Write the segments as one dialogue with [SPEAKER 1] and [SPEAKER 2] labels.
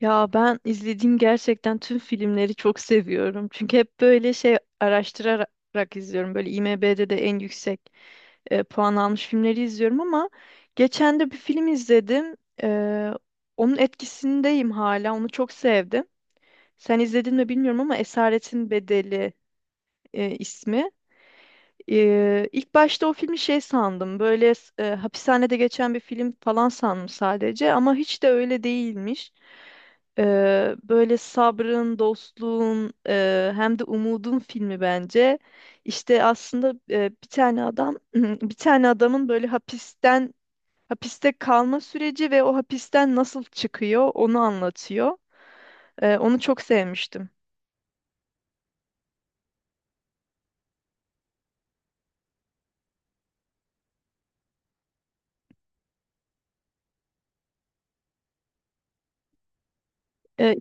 [SPEAKER 1] Ya ben izlediğim gerçekten tüm filmleri çok seviyorum. Çünkü hep böyle şey araştırarak izliyorum. Böyle IMDb'de de en yüksek puan almış filmleri izliyorum ama geçen de bir film izledim. E, Onun etkisindeyim hala. Onu çok sevdim. Sen izledin mi bilmiyorum ama Esaretin Bedeli ismi. İlk başta o filmi şey sandım. Böyle hapishanede geçen bir film falan sandım sadece ama hiç de öyle değilmiş. Böyle sabrın, dostluğun, hem de umudun filmi bence. İşte aslında bir tane adam, bir tane adamın böyle hapiste kalma süreci ve o hapisten nasıl çıkıyor onu anlatıyor. Onu çok sevmiştim. E,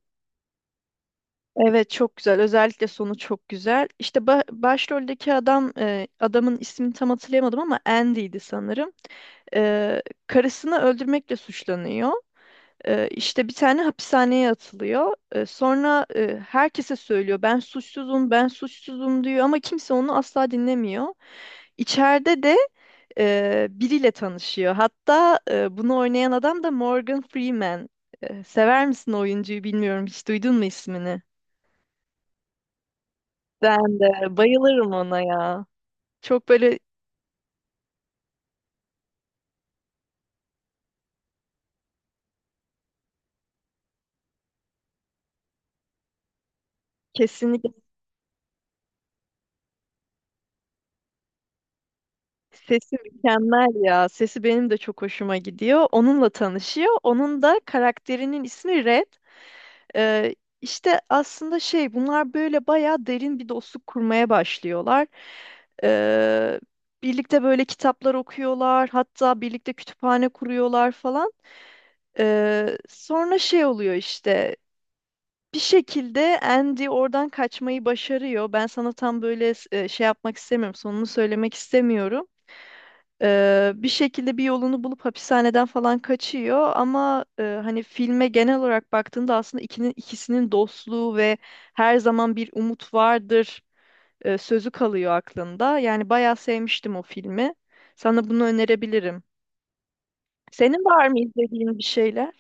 [SPEAKER 1] evet, çok güzel. Özellikle sonu çok güzel. İşte başroldeki adam, adamın ismini tam hatırlayamadım ama Andy'ydi sanırım. Karısını öldürmekle suçlanıyor. İşte bir tane hapishaneye atılıyor. Sonra herkese söylüyor, ben suçsuzum, ben suçsuzum diyor ama kimse onu asla dinlemiyor. İçeride de biriyle tanışıyor. Hatta bunu oynayan adam da Morgan Freeman. Sever misin o oyuncuyu bilmiyorum. Hiç duydun mu ismini? Ben de bayılırım ona ya. Çok böyle kesinlikle sesi mükemmel ya. Sesi benim de çok hoşuma gidiyor. Onunla tanışıyor. Onun da karakterinin ismi Red. Ee, işte aslında şey, bunlar böyle bayağı derin bir dostluk kurmaya başlıyorlar. Ee, Birlikte böyle kitaplar okuyorlar, hatta birlikte kütüphane kuruyorlar falan. Sonra şey oluyor işte, bir şekilde Andy oradan kaçmayı başarıyor. Ben sana tam böyle şey yapmak istemiyorum, sonunu söylemek istemiyorum. Bir şekilde bir yolunu bulup hapishaneden falan kaçıyor ama hani filme genel olarak baktığında aslında ikisinin dostluğu ve her zaman bir umut vardır sözü kalıyor aklında. Yani bayağı sevmiştim o filmi. Sana bunu önerebilirim. Senin var mı izlediğin bir şeyler?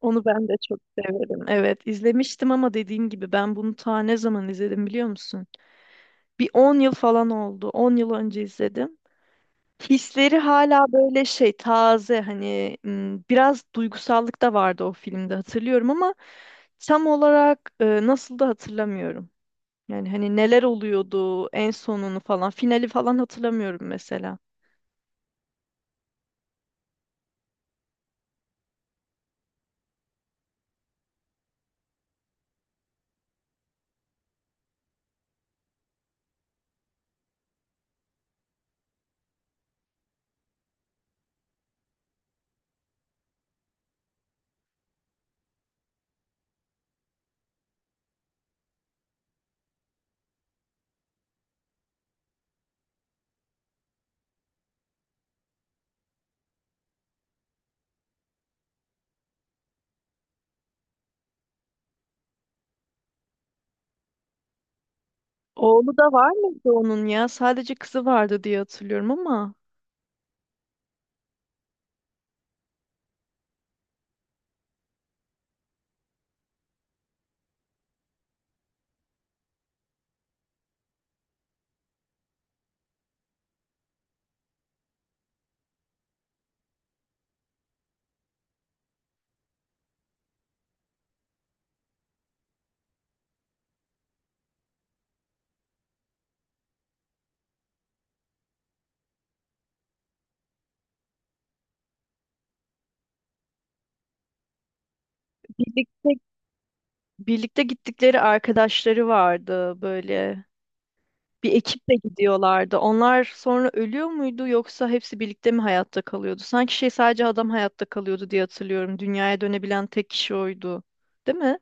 [SPEAKER 1] Onu ben de çok severim. Evet, izlemiştim ama dediğim gibi ben bunu ta ne zaman izledim biliyor musun? Bir 10 yıl falan oldu. 10 yıl önce izledim. Hisleri hala böyle şey taze hani, biraz duygusallık da vardı o filmde hatırlıyorum ama tam olarak nasıl da hatırlamıyorum. Yani hani neler oluyordu, en sonunu falan, finali falan hatırlamıyorum mesela. Oğlu da var mıydı onun ya? Sadece kızı vardı diye hatırlıyorum ama. Birlikteydi Birlikte gittikleri arkadaşları vardı böyle. Bir ekiple gidiyorlardı. Onlar sonra ölüyor muydu yoksa hepsi birlikte mi hayatta kalıyordu? Sanki şey, sadece adam hayatta kalıyordu diye hatırlıyorum. Dünyaya dönebilen tek kişi oydu. Değil mi?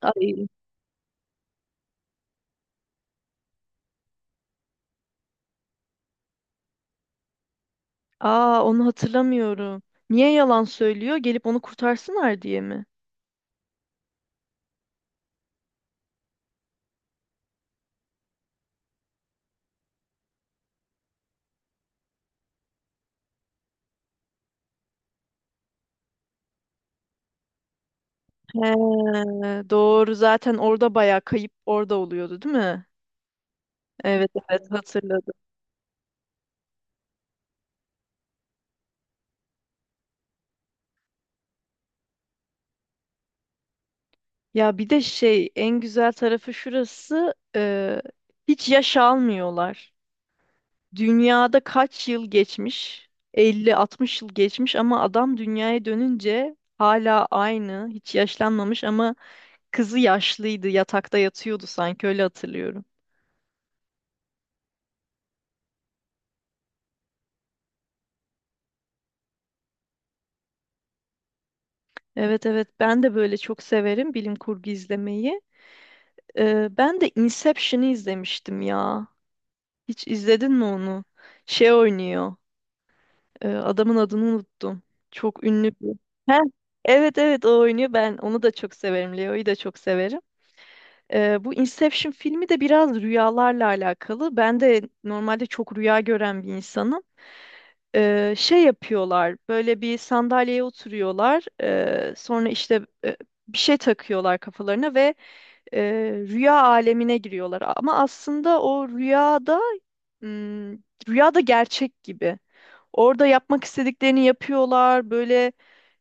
[SPEAKER 1] Ay. Aa, onu hatırlamıyorum. Niye yalan söylüyor? Gelip onu kurtarsınlar diye mi? He, doğru, zaten orada bayağı kayıp orada oluyordu değil mi? Evet, evet, hatırladım. Ya bir de şey, en güzel tarafı şurası, hiç yaş almıyorlar. Dünyada kaç yıl geçmiş? 50-60 yıl geçmiş ama adam dünyaya dönünce hala aynı, hiç yaşlanmamış ama kızı yaşlıydı, yatakta yatıyordu, sanki öyle hatırlıyorum. Evet, evet, ben de böyle çok severim bilim kurgu izlemeyi. Ben de Inception'ı izlemiştim ya. Hiç izledin mi onu? Şey oynuyor. Adamın adını unuttum. Çok ünlü bir. Heh, evet, evet, o oynuyor. Ben onu da çok severim. Leo'yu da çok severim. Bu Inception filmi de biraz rüyalarla alakalı. Ben de normalde çok rüya gören bir insanım. Şey yapıyorlar. Böyle bir sandalyeye oturuyorlar. Sonra işte bir şey takıyorlar kafalarına ve e, rüya alemine giriyorlar. Ama aslında o rüyada hmm, rüyada gerçek gibi. Orada yapmak istediklerini yapıyorlar. Böyle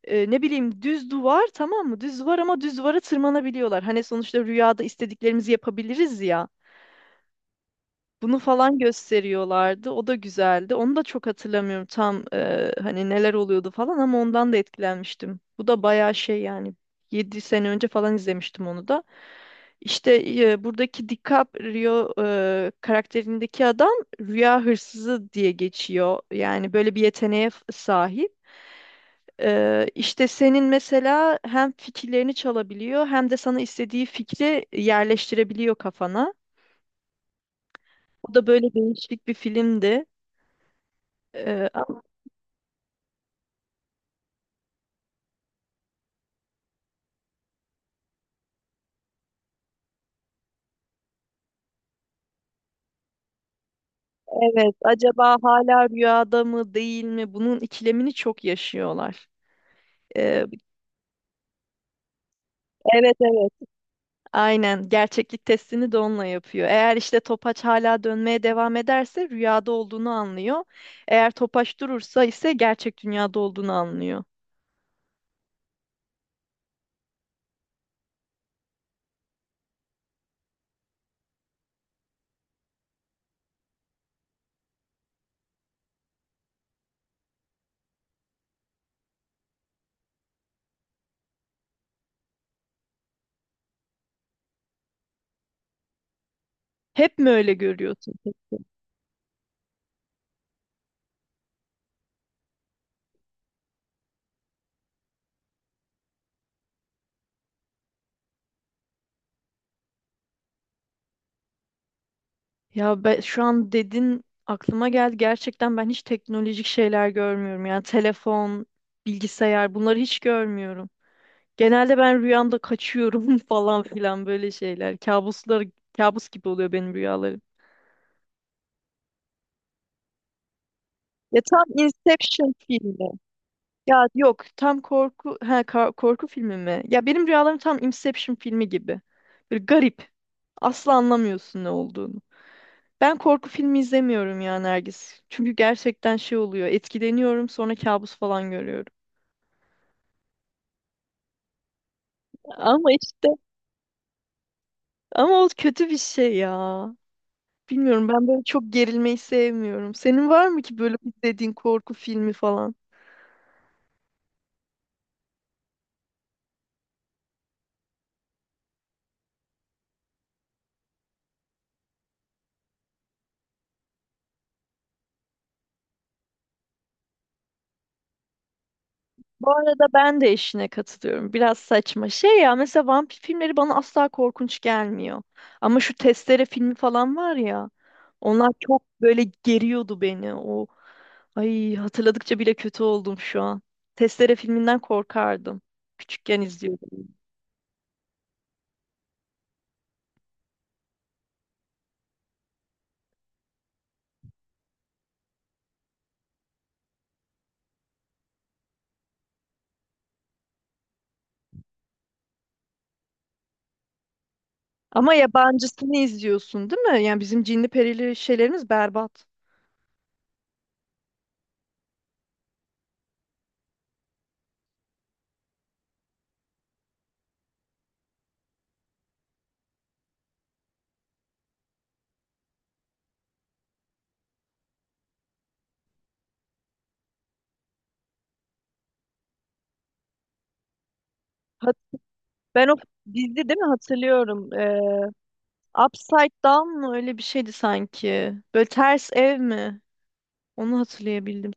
[SPEAKER 1] ne bileyim, düz duvar, tamam mı? Düz duvar ama düz duvara tırmanabiliyorlar. Hani sonuçta rüyada istediklerimizi yapabiliriz ya. Bunu falan gösteriyorlardı. O da güzeldi. Onu da çok hatırlamıyorum tam, hani neler oluyordu falan ama ondan da etkilenmiştim. Bu da bayağı şey, yani 7 sene önce falan izlemiştim onu da. İşte buradaki DiCaprio karakterindeki adam rüya hırsızı diye geçiyor. Yani böyle bir yeteneğe sahip. İşte senin mesela hem fikirlerini çalabiliyor hem de sana istediği fikri yerleştirebiliyor kafana. O da böyle değişik bir filmdi. Ama evet, acaba hala rüyada mı değil mi? Bunun ikilemini çok yaşıyorlar. Ee, evet, evet. Aynen, gerçeklik testini de onunla yapıyor. Eğer işte topaç hala dönmeye devam ederse rüyada olduğunu anlıyor. Eğer topaç durursa ise gerçek dünyada olduğunu anlıyor. Hep mi öyle görüyorsun? Ya ben, şu an dedin, aklıma geldi. Gerçekten ben hiç teknolojik şeyler görmüyorum. Yani telefon, bilgisayar, bunları hiç görmüyorum. Genelde ben rüyamda kaçıyorum falan filan, böyle şeyler. Kabuslar, kabus gibi oluyor benim rüyalarım. Ya tam Inception filmi. Ya yok, tam korku, korku filmi mi? Ya benim rüyalarım tam Inception filmi gibi. Böyle garip. Asla anlamıyorsun ne olduğunu. Ben korku filmi izlemiyorum ya, Nergis. Çünkü gerçekten şey oluyor. Etkileniyorum, sonra kabus falan görüyorum. Ama işte ama o kötü bir şey ya. Bilmiyorum, ben böyle çok gerilmeyi sevmiyorum. Senin var mı ki böyle izlediğin korku filmi falan? Bu arada ben de eşine katılıyorum. Biraz saçma. Şey ya, mesela vampir filmleri bana asla korkunç gelmiyor. Ama şu Testere filmi falan var ya. Onlar çok böyle geriyordu beni. O, ay, hatırladıkça bile kötü oldum şu an. Testere filminden korkardım. Küçükken izliyordum. Ama yabancısını izliyorsun, değil mi? Yani bizim cinli perili şeylerimiz berbat. Hat- Ben o dizi değil mi hatırlıyorum. Upside Down mı öyle bir şeydi sanki. Böyle ters ev mi? Onu hatırlayabildim.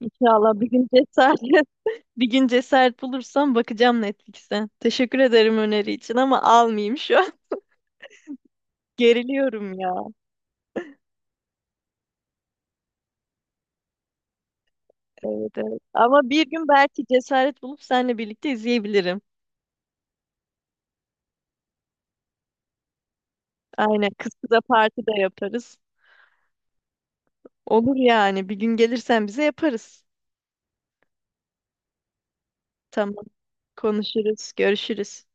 [SPEAKER 1] İnşallah bir gün cesaret, bir gün cesaret bulursam bakacağım Netflix'e. Teşekkür ederim öneri için ama almayayım şu an. Geriliyorum ya. Evet, evet. Ama bir gün belki cesaret bulup seninle birlikte izleyebilirim. Aynen. Kız kıza parti de yaparız. Olur yani. Bir gün gelirsen bize yaparız. Tamam. Konuşuruz. Görüşürüz.